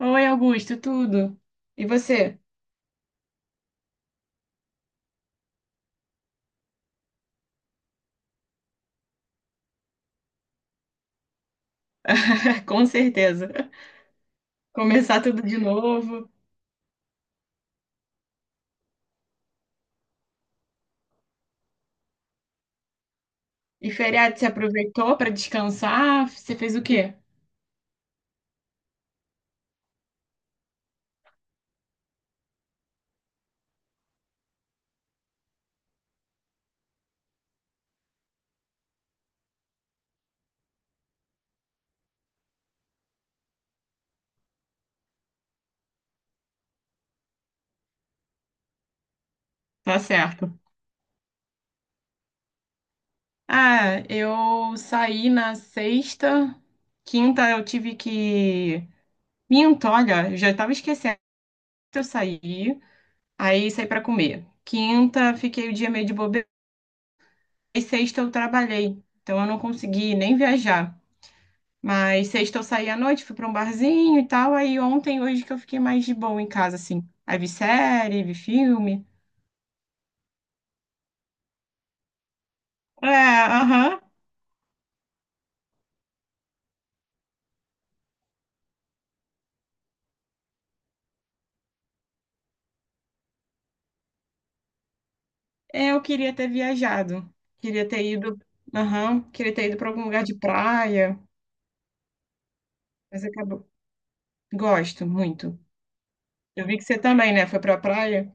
Oi, Augusto, tudo? E você? Com certeza. Começar tudo de novo. E feriado, você aproveitou para descansar? Você fez o quê? Tá certo. Ah, eu saí na sexta. Quinta eu tive que. Minto, olha, eu já tava esquecendo. que Eu saí, aí saí para comer. Quinta, fiquei o dia meio de bobeira. E sexta eu trabalhei. Então eu não consegui nem viajar. Mas sexta eu saí à noite, fui pra um barzinho e tal. Aí ontem, hoje que eu fiquei mais de boa em casa, assim. Aí vi série, vi filme. É, aham. É, eu queria ter viajado. Queria ter ido. Aham. Queria ter ido pra algum lugar de praia. Mas acabou. Gosto muito. Eu vi que você também, né? Foi pra praia.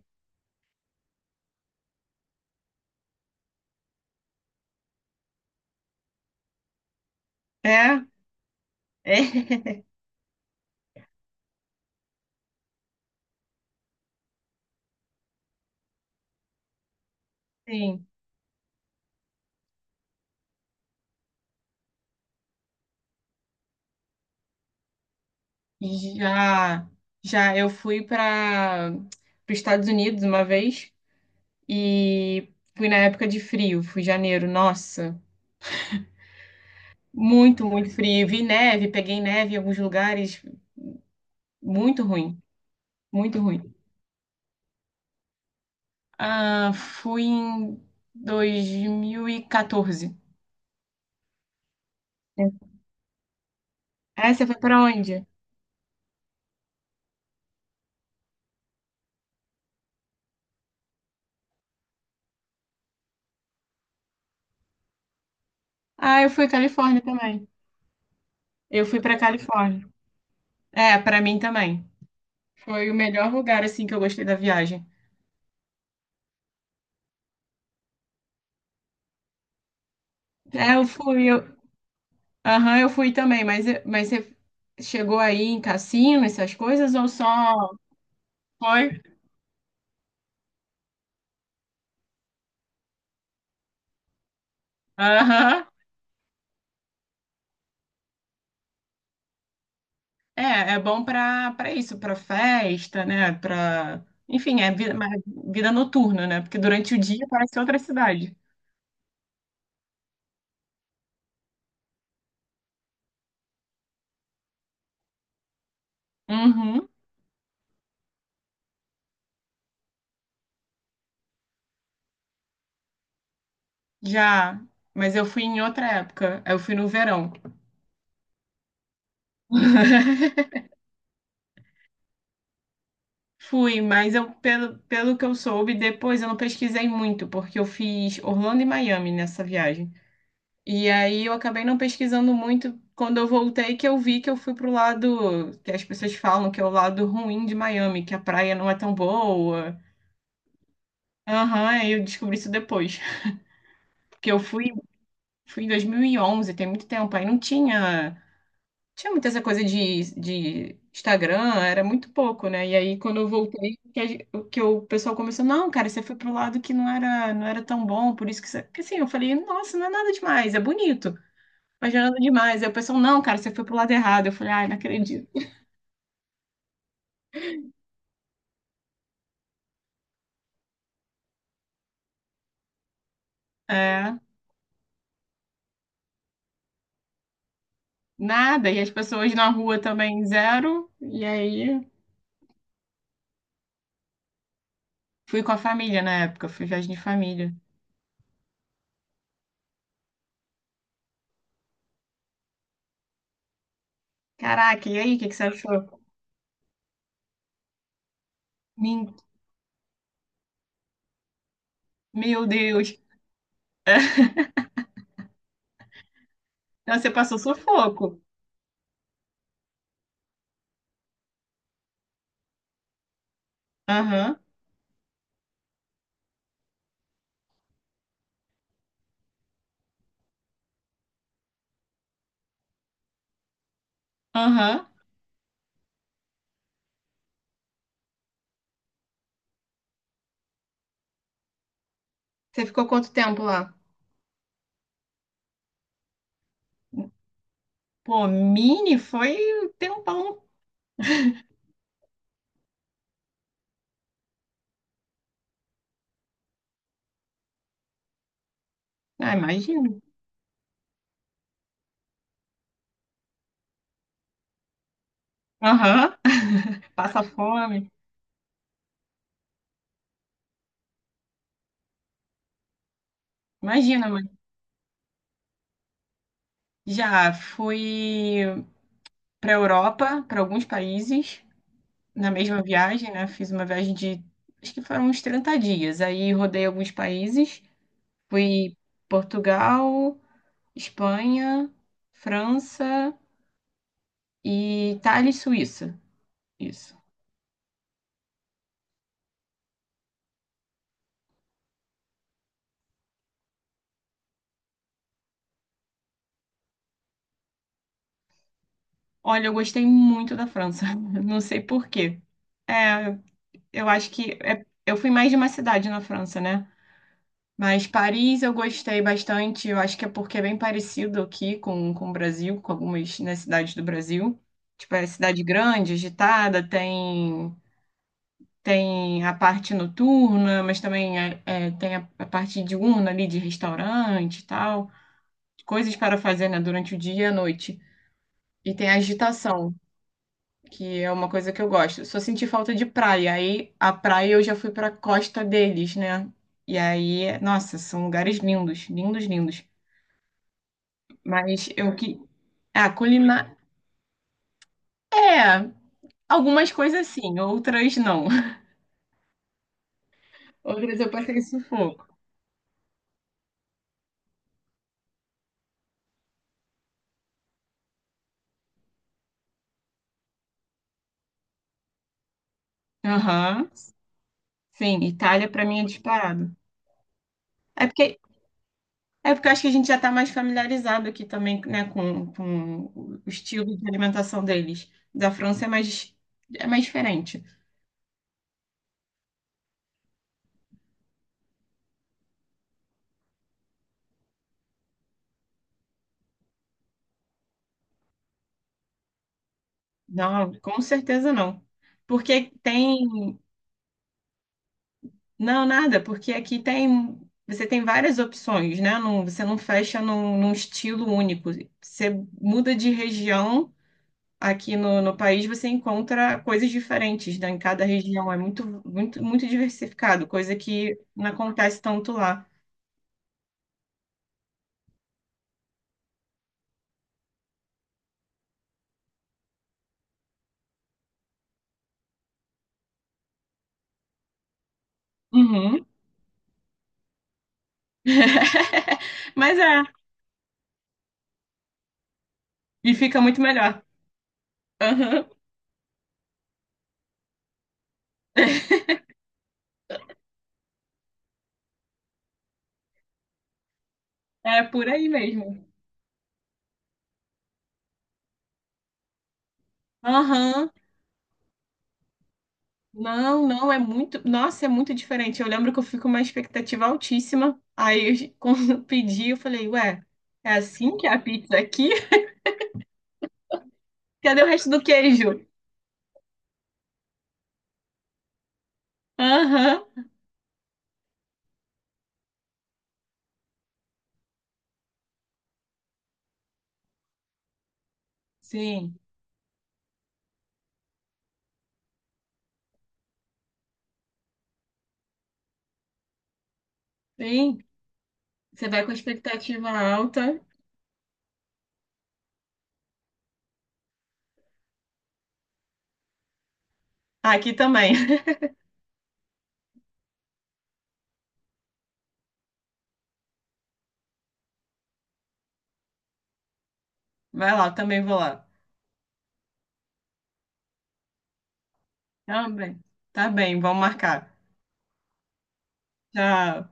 É? É. Sim. Já, já eu fui para os Estados Unidos uma vez e fui na época de frio, fui em janeiro. Nossa, muito, muito frio. Vi neve, peguei neve em alguns lugares. Muito ruim, muito ruim. Ah, fui em 2014. É, você foi pra onde? Ah, eu fui Califórnia também. Eu fui pra Califórnia. É, pra mim também. Foi o melhor lugar assim que eu gostei da viagem. É, eu fui, eu, aham, eu fui também, mas eu- mas você chegou aí em cassino, essas coisas ou só foi? Aham. É, é bom para isso, para festa, né? Para, enfim, é vida, mais vida noturna, né? Porque durante o dia parece outra cidade. Uhum, já, mas eu fui em outra época. Eu fui no verão. Fui, mas eu pelo que eu soube, depois eu não pesquisei muito, porque eu fiz Orlando e Miami nessa viagem. E aí eu acabei não pesquisando muito quando eu voltei, que eu vi que eu fui pro lado que as pessoas falam que é o lado ruim de Miami, que a praia não é tão boa. Aham, aí eu descobri isso depois. Porque fui em 2011, tem muito tempo. Aí não tinha, Tinha muita essa coisa de Instagram, era muito pouco, né? E aí quando eu voltei, que, a gen- que o pessoal começou, não, cara, você foi pro lado que não era tão bom, por isso que você... Porque assim, eu falei, nossa, não é nada demais, é bonito, mas não é nada demais. Aí o pessoal, não, cara, você foi pro lado errado. Eu falei, ai, não acredito. É, nada. E as pessoas na rua também, zero. E aí fui com a família na época, fui viagem de família. Caraca, e aí, o que que você achou? Min- Meu Deus. Então você passou sufoco. Aham, aham. Você ficou quanto tempo lá? Pô, mini foi um tempão. Ah, imagino. Aham. Passa fome. Imagina, mãe. Já fui pra Europa, pra alguns países, na mesma viagem, né? Fiz uma viagem de, Acho que foram uns 30 dias. Aí rodei alguns países. Fui Portugal, Espanha, França. E Itália e Suíça. Isso. Olha, eu gostei muito da França. Não sei por quê. É, Eu acho que é- eu fui mais de uma cidade na França, né? Mas Paris eu gostei bastante. Eu acho que é porque é bem parecido aqui com o Brasil, com algumas, né, cidades do Brasil. Tipo, é cidade grande, tem a parte noturna, mas também é, tem a parte diurna ali de restaurante e tal. Coisas para fazer, né, durante o dia e a noite. E tem a agitação, que é uma coisa que eu gosto. Só senti falta de praia. Aí a praia eu já fui pra costa deles, né? E aí, nossa, são lugares lindos, lindos, lindos. Mas eu que. Ah, culinária. É, algumas coisas sim, outras não. Outras eu passei sufoco. Aham. Sim, Itália pra mim é disparado. É porque. É porque eu acho que a gente já tá mais familiarizado aqui também, né, com o estilo de alimentação deles. Da França é mais, É mais diferente. Não, com certeza não. Porque tem. Não, nada, porque aqui tem. Você tem várias opções, né? Não, você não fecha num estilo único. Você muda de região aqui no país, você encontra coisas diferentes, né? Em cada região. É muito, muito, muito diversificado, coisa que não acontece tanto lá. Uhum. Mas é, e fica muito melhor. Aham. É por aí mesmo. Aham. Não, não, é muito. Nossa, é muito diferente. Eu lembro que eu fui com uma expectativa altíssima. Quando eu pedi, eu falei, ué, é assim que é a pizza aqui? Cadê o resto do queijo? Aham. Sim, sim. Você vai com a expectativa alta. Aqui também. Vai lá, eu também vou lá. Também. Tá bem, vamos marcar. Tchau.